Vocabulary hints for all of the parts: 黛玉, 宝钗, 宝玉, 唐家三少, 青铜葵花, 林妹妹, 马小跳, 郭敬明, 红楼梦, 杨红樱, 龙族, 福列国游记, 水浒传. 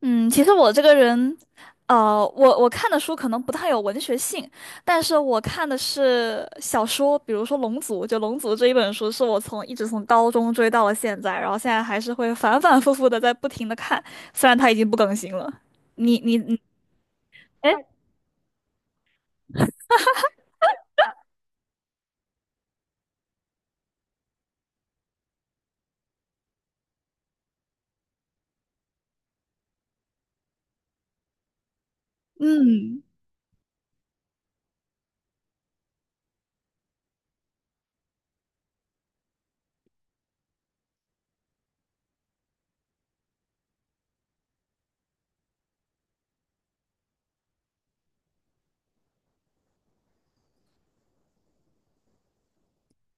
嗯，其实我这个人，我看的书可能不太有文学性，但是我看的是小说，比如说《龙族》，就《龙族》这一本书，是我从一直从高中追到了现在，然后现在还是会反反复复的在不停的看，虽然它已经不更新了。你你你，嗯，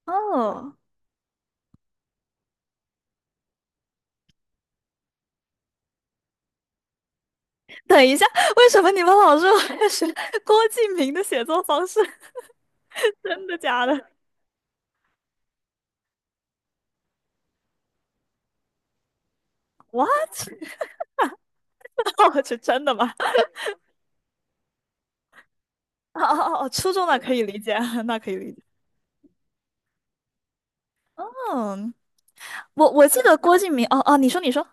哦，等一下，为什么你们老说我也是郭敬明的写作方式？真的假的？哇哦，这真的吗？哦哦哦，哦初中那可以理解，那可以理解。嗯。我我记得郭敬明，哦哦，你说你说，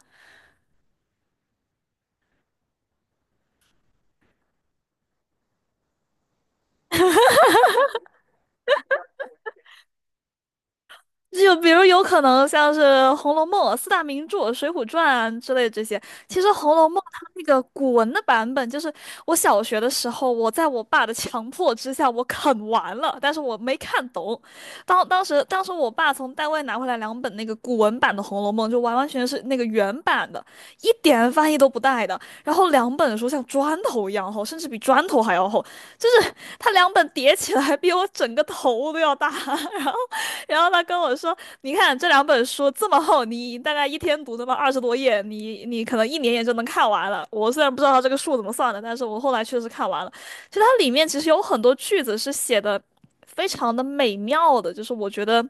就比如有可能像是《红楼梦》四大名著《水浒传》之类这些。其实《红楼梦》它那个古文的版本，就是我小学的时候，我在我爸的强迫之下，我啃完了，但是我没看懂。当时我爸从单位拿回来两本那个古文版的《红楼梦》，就完完全全是那个原版的，一点翻译都不带的。然后两本书像砖头一样厚，甚至比砖头还要厚，就是它两本叠起来比我整个头都要大。然后。然后他跟我说："你看这两本书这么厚，你大概一天读他妈二十多页，你可能一年也就能看完了。"我虽然不知道他这个数怎么算的，但是我后来确实看完了。其实它里面其实有很多句子是写的非常的美妙的，就是我觉得。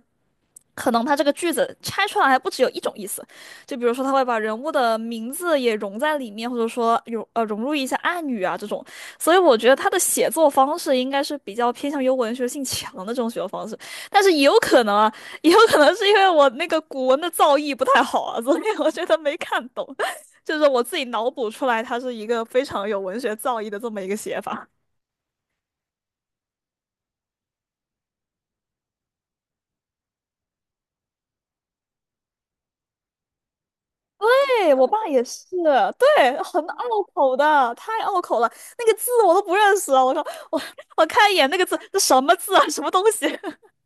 可能他这个句子拆出来还不只有一种意思，就比如说他会把人物的名字也融在里面，或者说有融入一些暗语啊这种，所以我觉得他的写作方式应该是比较偏向于文学性强的这种写作方式。但是也有可能啊，也有可能是因为我那个古文的造诣不太好啊，所以我觉得没看懂，就是我自己脑补出来，它是一个非常有文学造诣的这么一个写法。对，我爸也是，对，很拗口的，太拗口了，那个字我都不认识啊！我说 我我看一眼那个字，这什么字啊？什么东西？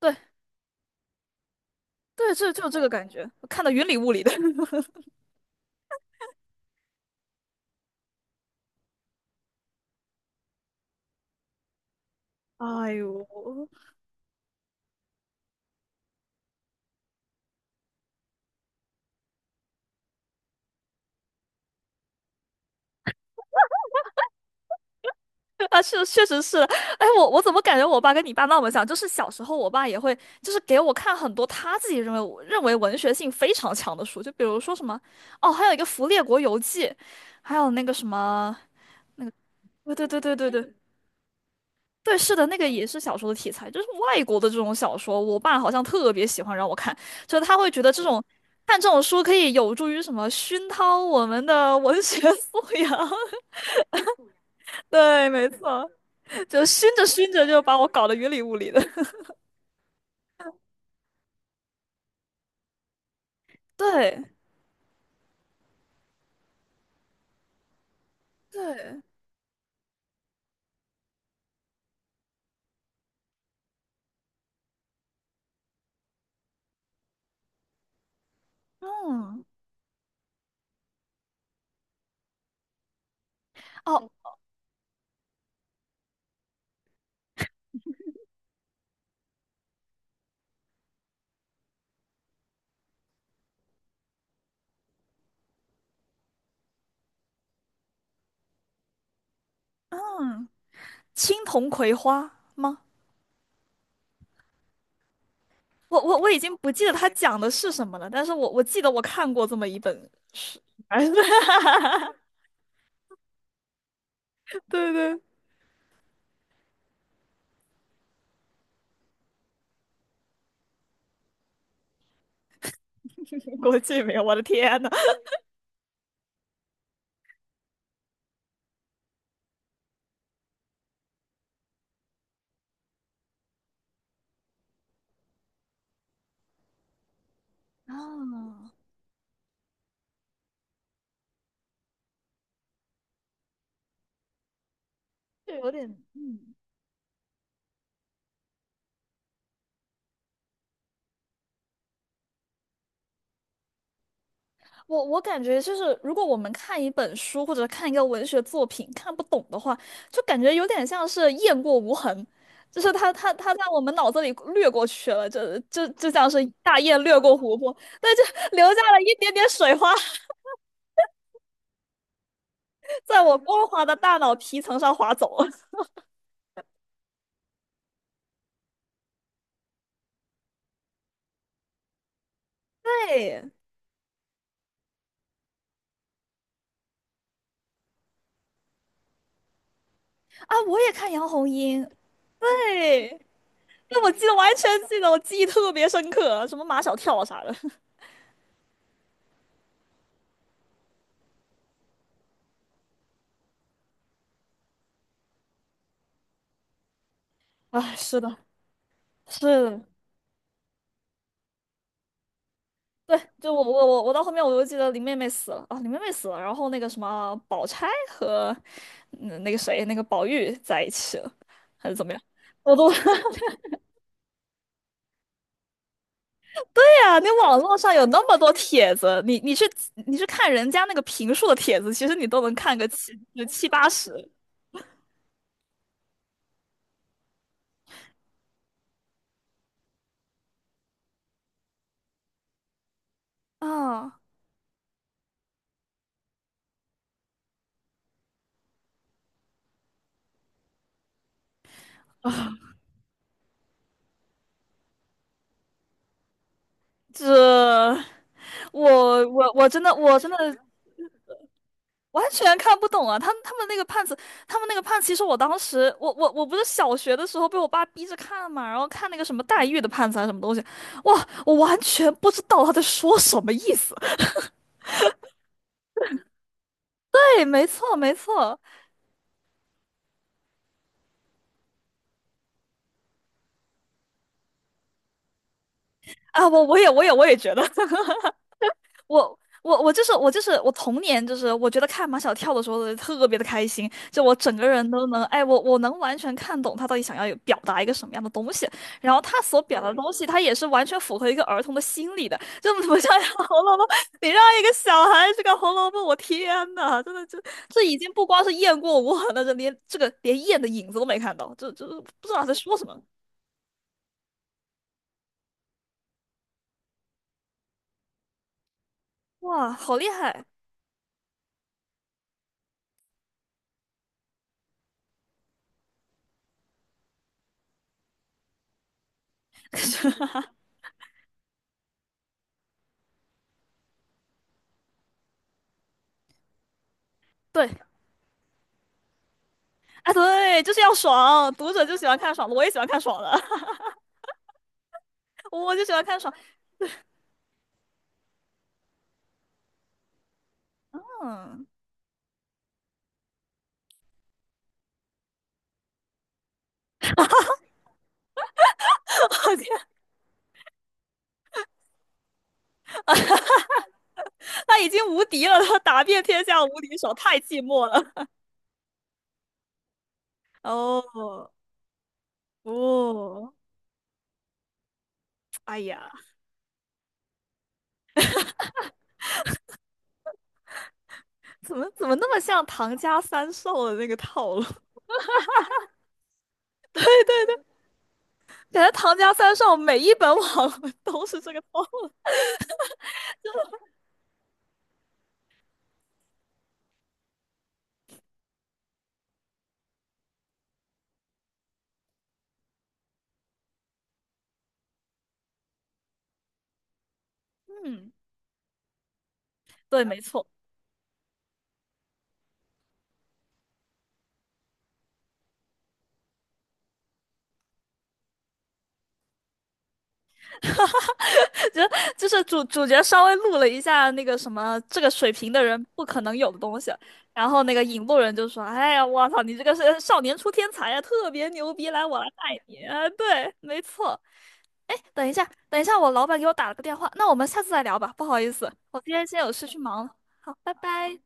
对对，这就这个感觉，我看得云里雾里的。哎呦，啊，是，确实是。哎，我怎么感觉我爸跟你爸那么像？就是小时候，我爸也会，就是给我看很多他自己认为文学性非常强的书，就比如说什么，哦，还有一个《福列国游记》，还有那个什么，对对对对对对，对，是的，那个也是小说的题材，就是外国的这种小说，我爸好像特别喜欢让我看，就是他会觉得这种看这种书可以有助于什么熏陶我们的文学素养。对，没错，就熏着熏着就把我搞得云里雾里的。对对，嗯，哦，青铜葵花吗？我已经不记得它讲的是什么了，但是我记得我看过这么一本书，哎，对对对，国际名，我的天呐，啊，就有点，嗯。我感觉就是，如果我们看一本书或者看一个文学作品看不懂的话，就感觉有点像是雁过无痕，就是它在我们脑子里掠过去了，就像是大雁掠过湖泊，但就留下了一点点水花，在我光滑的大脑皮层上划走。对，啊，我也看杨红樱，对，那我记得完全记得，我记忆特别深刻，什么马小跳啥的。哎，是的，是的。对，就我到后面我就记得林妹妹死了啊，林妹妹死了，然后那个什么宝钗和嗯那个谁那个宝玉在一起了，还是怎么样？我都 对啊，你网络上有那么多帖子，你去你去看人家那个评述的帖子，其实你都能看个七就七八十啊。这我真的我真的完全看不懂啊！他们那个判词，他们那个判词，其实我当时，我不是小学的时候被我爸逼着看嘛，然后看那个什么黛玉的判词还是什么东西，哇，我完全不知道他在说什么意思。对，没错没错啊，我也我也我也觉得。我就是我就是我童年就是我觉得看马小跳的时候特别的开心，就我整个人都能哎我能完全看懂他到底想要有表达一个什么样的东西，然后他所表达的东西，他也是完全符合一个儿童的心理的，就不像《<laughs> 红楼梦》，你让一个小孩去看《红楼梦》，我天呐，真的就这已经不光是雁过无痕了，这连这个连雁的影子都没看到，这这不知道在说什么，哇，好厉害！对，啊，对，就是要爽，读者就喜欢看爽的，我也喜欢看爽的，我就喜欢看爽。嗯，他已经无敌了，他打遍天下无敌手，太寂寞了。哦哦，哎呀，怎么怎么那么像唐家三少的那个套路？感觉唐家三少每一本网 文都是这个套路。嗯，对，没错。就就是主角稍微录了一下那个什么这个水平的人不可能有的东西，然后那个引路人就说："哎呀，我操，你这个是少年出天才呀，特别牛逼，来，我来带你。"啊，对，没错。等一下，等一下，我老板给我打了个电话，那我们下次再聊吧，不好意思，我今天先有事去忙了。好，拜拜。